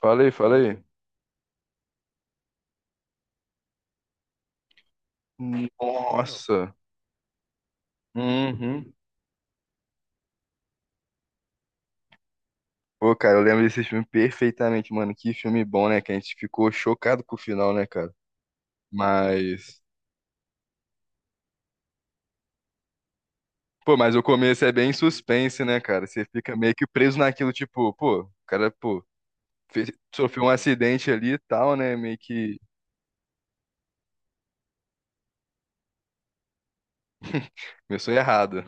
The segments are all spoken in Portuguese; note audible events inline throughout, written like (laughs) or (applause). Falei, falei. Nossa. Uhum. Pô, cara, eu lembro desse filme perfeitamente, mano. Que filme bom, né? Que a gente ficou chocado com o final, né, cara? Mas. Pô, mas o começo é bem suspense, né, cara? Você fica meio que preso naquilo, tipo, pô, o cara, pô, sofreu um acidente ali e tal, né? Meio que (laughs) começou errado.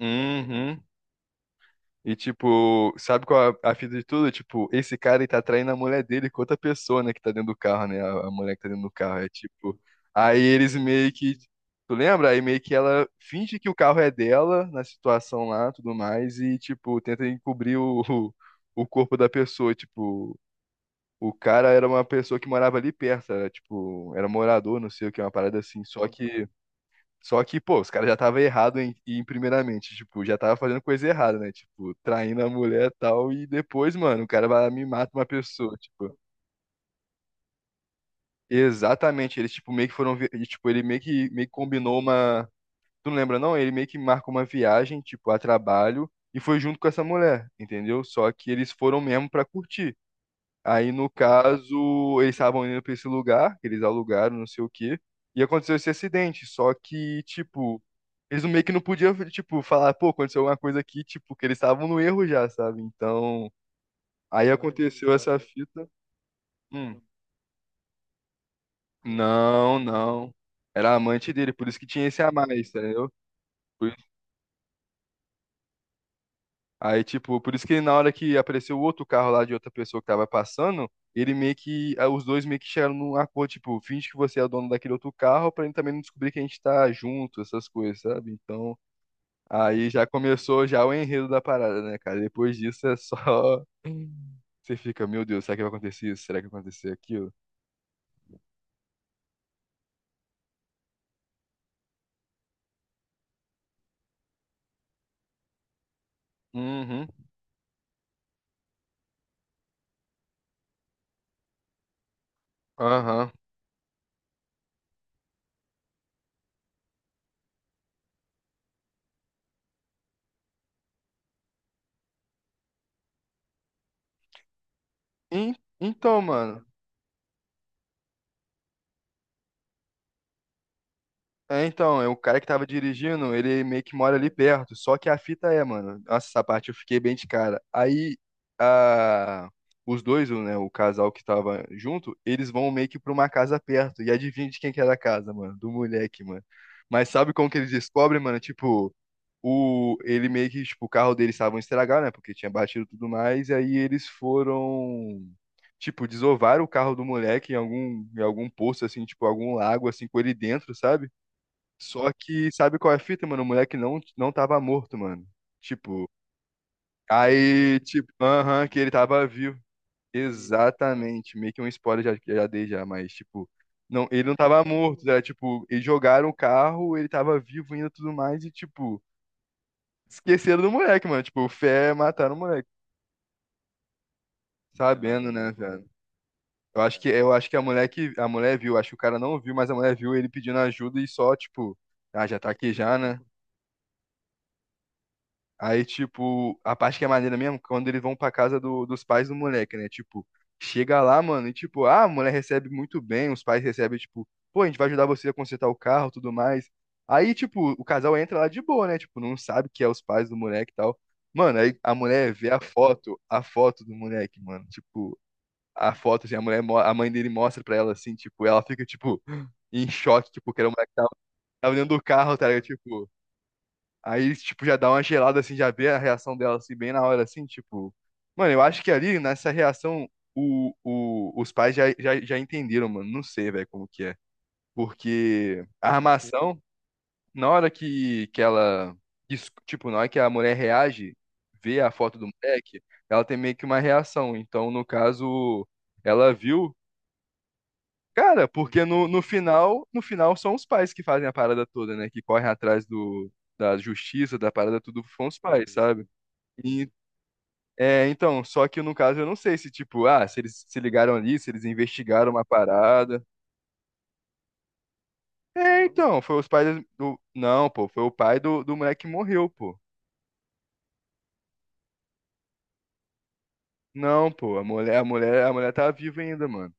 Uhum. E, tipo, sabe qual é a fita de tudo? Tipo, esse cara ele tá traindo a mulher dele com outra pessoa, né, que tá dentro do carro, né? A mulher que tá dentro do carro. É tipo. Aí eles meio que. Tu lembra? Aí meio que ela finge que o carro é dela na situação lá, tudo mais, e, tipo, tenta encobrir (laughs) o corpo da pessoa. Tipo, o cara era uma pessoa que morava ali perto, era, tipo, era morador, não sei o que, uma parada assim. Só que, pô, os caras já estavam errados em primeiramente, tipo, já tava fazendo coisa errada, né? Tipo, traindo a mulher e tal, e depois, mano, o cara vai lá e me mata uma pessoa, tipo. Exatamente, eles, tipo, meio que foram, e, tipo, ele meio que combinou uma, tu não lembra não? Ele meio que marcou uma viagem, tipo, a trabalho, e foi junto com essa mulher, entendeu? Só que eles foram mesmo pra curtir. Aí, no caso, eles estavam indo pra esse lugar, que eles alugaram, não sei o quê, e aconteceu esse acidente, só que, tipo, eles meio que não podiam, tipo, falar, pô, aconteceu alguma coisa aqui, tipo, que eles estavam no erro já, sabe? Então, aí aconteceu essa fita. Hum, não, não. Era amante dele, por isso que tinha esse a mais, entendeu? Por- Aí, tipo, por isso que na hora que apareceu o outro carro lá de outra pessoa que tava passando, ele meio que, ah, os dois meio que chegaram num acordo, tipo, finge que você é o dono daquele outro carro pra ele também não descobrir que a gente tá junto, essas coisas, sabe? Então, aí já começou já o enredo da parada, né, cara? Depois disso é só você fica, meu Deus, será que vai acontecer isso? Será que vai acontecer aquilo? Uhum, aham. En- Então, mano. É, então, é o cara que tava dirigindo, ele meio que mora ali perto. Só que a fita é, mano. Nossa, essa parte eu fiquei bem de cara. Aí, a... os dois, né, o casal que tava junto, eles vão meio que pra uma casa perto. E adivinha de quem que era a casa, mano? Do moleque, mano. Mas sabe como que eles descobrem, mano? Tipo. Ele meio que, tipo, o carro deles estava estragado, né? Porque tinha batido e tudo mais. E aí eles foram, tipo, desovaram o carro do moleque em algum poço, assim, tipo, algum lago, assim, com ele dentro, sabe? Só que, sabe qual é a fita, mano? O moleque não tava morto, mano. Tipo, aí, tipo, aham, que ele tava vivo. Exatamente. Meio que um spoiler já, já dei já, mas, tipo. Não, ele não tava morto, era tipo, eles jogaram o carro, ele tava vivo ainda e tudo mais, e tipo, esqueceram do moleque, mano. Tipo, o fé mataram o moleque. Sabendo, né, velho? Eu acho que a mulher viu, acho que o cara não viu, mas a mulher viu ele pedindo ajuda e só, tipo, ah, já tá aqui já, né? Aí, tipo, a parte que é maneira mesmo, quando eles vão pra casa dos pais do moleque, né? Tipo, chega lá, mano, e tipo, ah, a mulher recebe muito bem, os pais recebem, tipo, pô, a gente vai ajudar você a consertar o carro, tudo mais. Aí, tipo, o casal entra lá de boa, né? Tipo, não sabe que é os pais do moleque e tal. Mano, aí a mulher vê a foto do moleque, mano. Tipo, a foto, assim, a mulher, a mãe dele mostra pra ela, assim, tipo, ela fica, tipo, (gasps) em choque, tipo, que era o moleque que tava, tava dentro do carro, tá ligado? Tipo. Aí, tipo, já dá uma gelada, assim, já vê a reação dela, assim, bem na hora, assim, tipo... Mano, eu acho que ali, nessa reação, os pais já entenderam, mano. Não sei, velho, como que é. Porque a armação, na hora que ela... Tipo, na hora que a mulher reage, vê a foto do moleque, ela tem meio que uma reação. Então, no caso, ela viu. Cara, porque no final são os pais que fazem a parada toda, né? Que correm atrás do, da justiça, da parada, tudo são os pais, uhum, sabe? E, é, então, só que no caso eu não sei se, tipo, ah, se eles se ligaram ali, se eles investigaram uma parada. É, então, foi os pais do. Não, pô, foi o pai do moleque que morreu, pô. Não, pô, a mulher tá viva ainda, mano.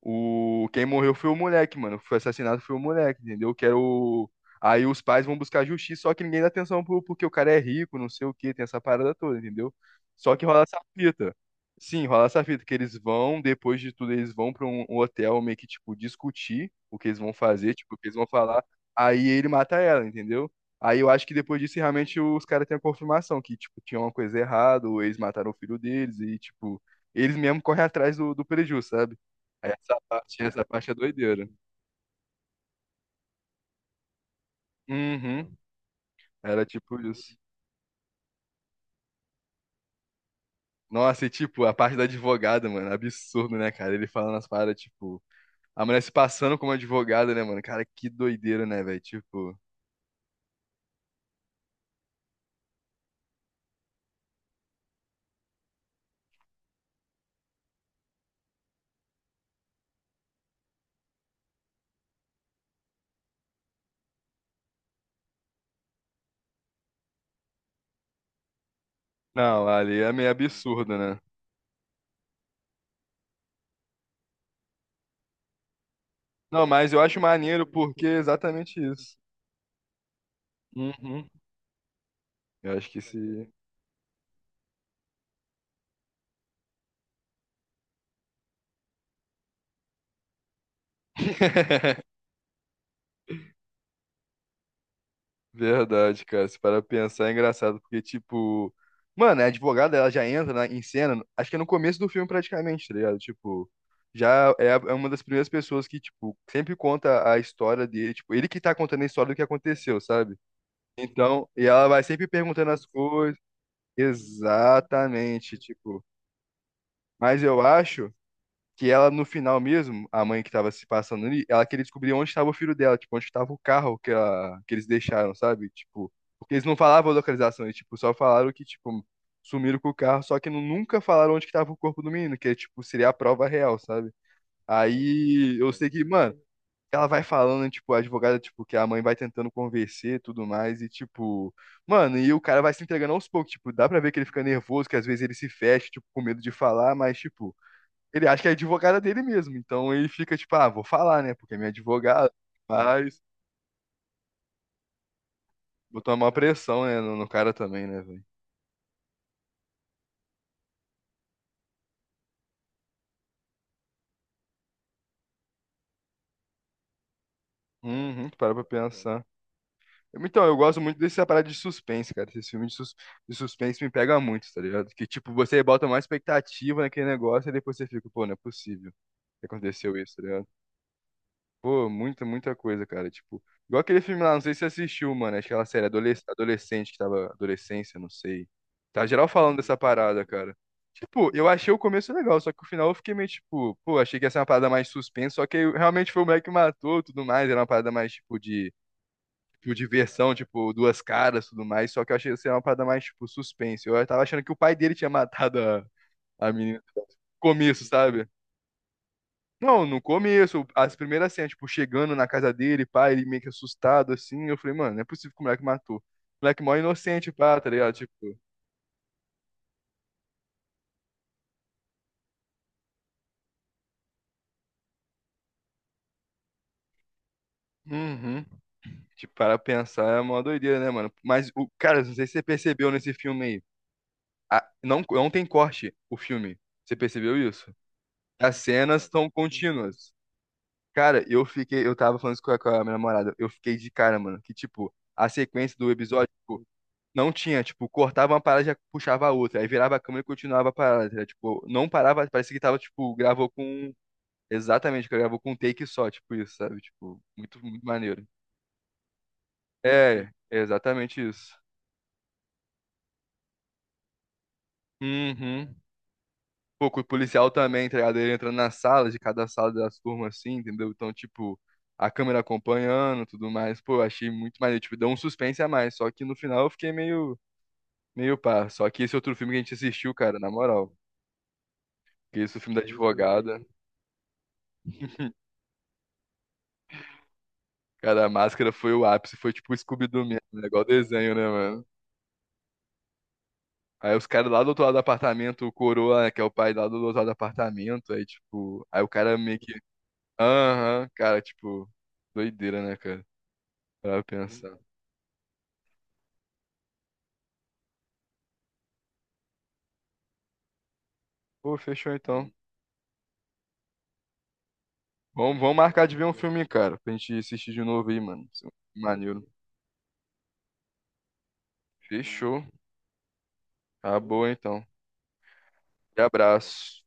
O... Quem morreu foi o moleque, mano. Foi assassinado foi o moleque, entendeu? Que era o... Aí os pais vão buscar justiça, só que ninguém dá atenção pro... porque o cara é rico, não sei o quê, tem essa parada toda, entendeu? Só que rola essa fita. Sim, rola essa fita, que eles vão, depois de tudo, eles vão pra um hotel meio que, tipo, discutir o que eles vão fazer, tipo, o que eles vão falar. Aí ele mata ela, entendeu? Aí eu acho que depois disso, realmente, os caras têm a confirmação que, tipo, tinha uma coisa errada, ou eles mataram o filho deles, e, tipo, eles mesmo correm atrás do prejuízo, sabe? Essa parte é doideira. Uhum. Era tipo isso. Nossa, e tipo, a parte da advogada, mano, absurdo, né, cara? Ele falando as paradas, tipo, a mulher se passando como advogada, né, mano? Cara, que doideira, né, velho? Tipo, não, ali é meio absurdo, né? Não, mas eu acho maneiro porque é exatamente isso. Uhum. Eu acho que se. (laughs) Verdade, cara. Se para pensar, é engraçado, porque, tipo, mano, a advogada ela já entra na, em cena, acho que é no começo do filme praticamente, tá ligado? Tipo, já é, é uma das primeiras pessoas que, tipo, sempre conta a história dele, tipo, ele que tá contando a história do que aconteceu, sabe? Então, e ela vai sempre perguntando as coisas. Exatamente, tipo. Mas eu acho que ela no final mesmo, a mãe que tava se passando ali, ela queria descobrir onde estava o filho dela, tipo, onde estava o carro que, ela, que eles deixaram, sabe? Tipo, porque eles não falavam a localização, eles, tipo, só falaram que, tipo, sumiram com o carro, só que nunca falaram onde que tava o corpo do menino, que, tipo, seria a prova real, sabe? Aí eu sei que, mano, ela vai falando, tipo, a advogada, tipo, que a mãe vai tentando convencer e tudo mais, e, tipo, mano, e o cara vai se entregando aos poucos, tipo, dá pra ver que ele fica nervoso, que às vezes ele se fecha, tipo, com medo de falar, mas, tipo, ele acha que é advogada dele mesmo. Então ele fica tipo, ah, vou falar, né? Porque é minha advogada. Mas botou uma pressão, né, no cara também, né, velho? Uhum, tu para pra pensar. Então, eu gosto muito dessa parada de suspense, cara. Esses filmes de, de suspense me pega muito, tá ligado? Que, tipo, você bota mais expectativa naquele negócio e depois você fica, pô, não é possível que aconteceu isso, tá ligado? Pô, muita coisa, cara. Tipo, igual aquele filme lá, não sei se você assistiu, mano. Acho que é aquela série Adolescente, que tava adolescência, não sei. Tá geral falando dessa parada, cara. Tipo, eu achei o começo legal, só que o final eu fiquei meio tipo, pô, achei que ia ser uma parada mais suspense, só que aí realmente foi o moleque que matou e tudo mais. Era uma parada mais tipo de, tipo, diversão, tipo, duas caras e tudo mais. Só que eu achei que ia ser uma parada mais tipo suspense. Eu tava achando que o pai dele tinha matado a menina no começo, sabe? Não, no começo, as primeiras cenas, tipo, chegando na casa dele, pá, ele meio que assustado, assim, eu falei, mano, não é possível que o moleque matou. O moleque é mó inocente, pá, tá ligado? Tipo, uhum, tipo, para pensar é uma doideira, né, mano? Mas, o cara, não sei se você percebeu nesse filme aí, não, não tem corte o filme, você percebeu isso? As cenas estão contínuas. Cara, eu fiquei, eu tava falando isso com a minha namorada, eu fiquei de cara, mano, que, tipo, a sequência do episódio, tipo, não tinha, tipo, cortava uma parada e já puxava a outra. Aí virava a câmera e continuava a parada. Era, tipo, não parava, parecia que tava, tipo, gravou com. Exatamente, que gravou com um take só, tipo isso, sabe? Tipo, muito maneiro. É, exatamente isso. Uhum. Pô, com o policial também, tá ligado? Ele entrando nas salas, de cada sala das turmas, assim, entendeu? Então, tipo, a câmera acompanhando, tudo mais. Pô, eu achei muito maneiro. Tipo, deu um suspense a mais. Só que no final eu fiquei meio pá. Só que esse outro filme que a gente assistiu, cara, na moral. Que esse é o filme da advogada. Cara, a máscara foi o ápice, foi tipo o Scooby-Doo mesmo, né? Igual desenho, né, mano? Aí os caras lá do outro lado do apartamento, o Coroa, né, que é o pai lá do outro lado do apartamento, aí tipo, aí o cara meio que, aham, cara, tipo, doideira, né, cara? Pra pensar. Pô, fechou então. Vamos, vamos marcar de ver um filme, cara, pra gente assistir de novo aí, mano. Maneiro. Fechou. Tá, acabou então. E abraço.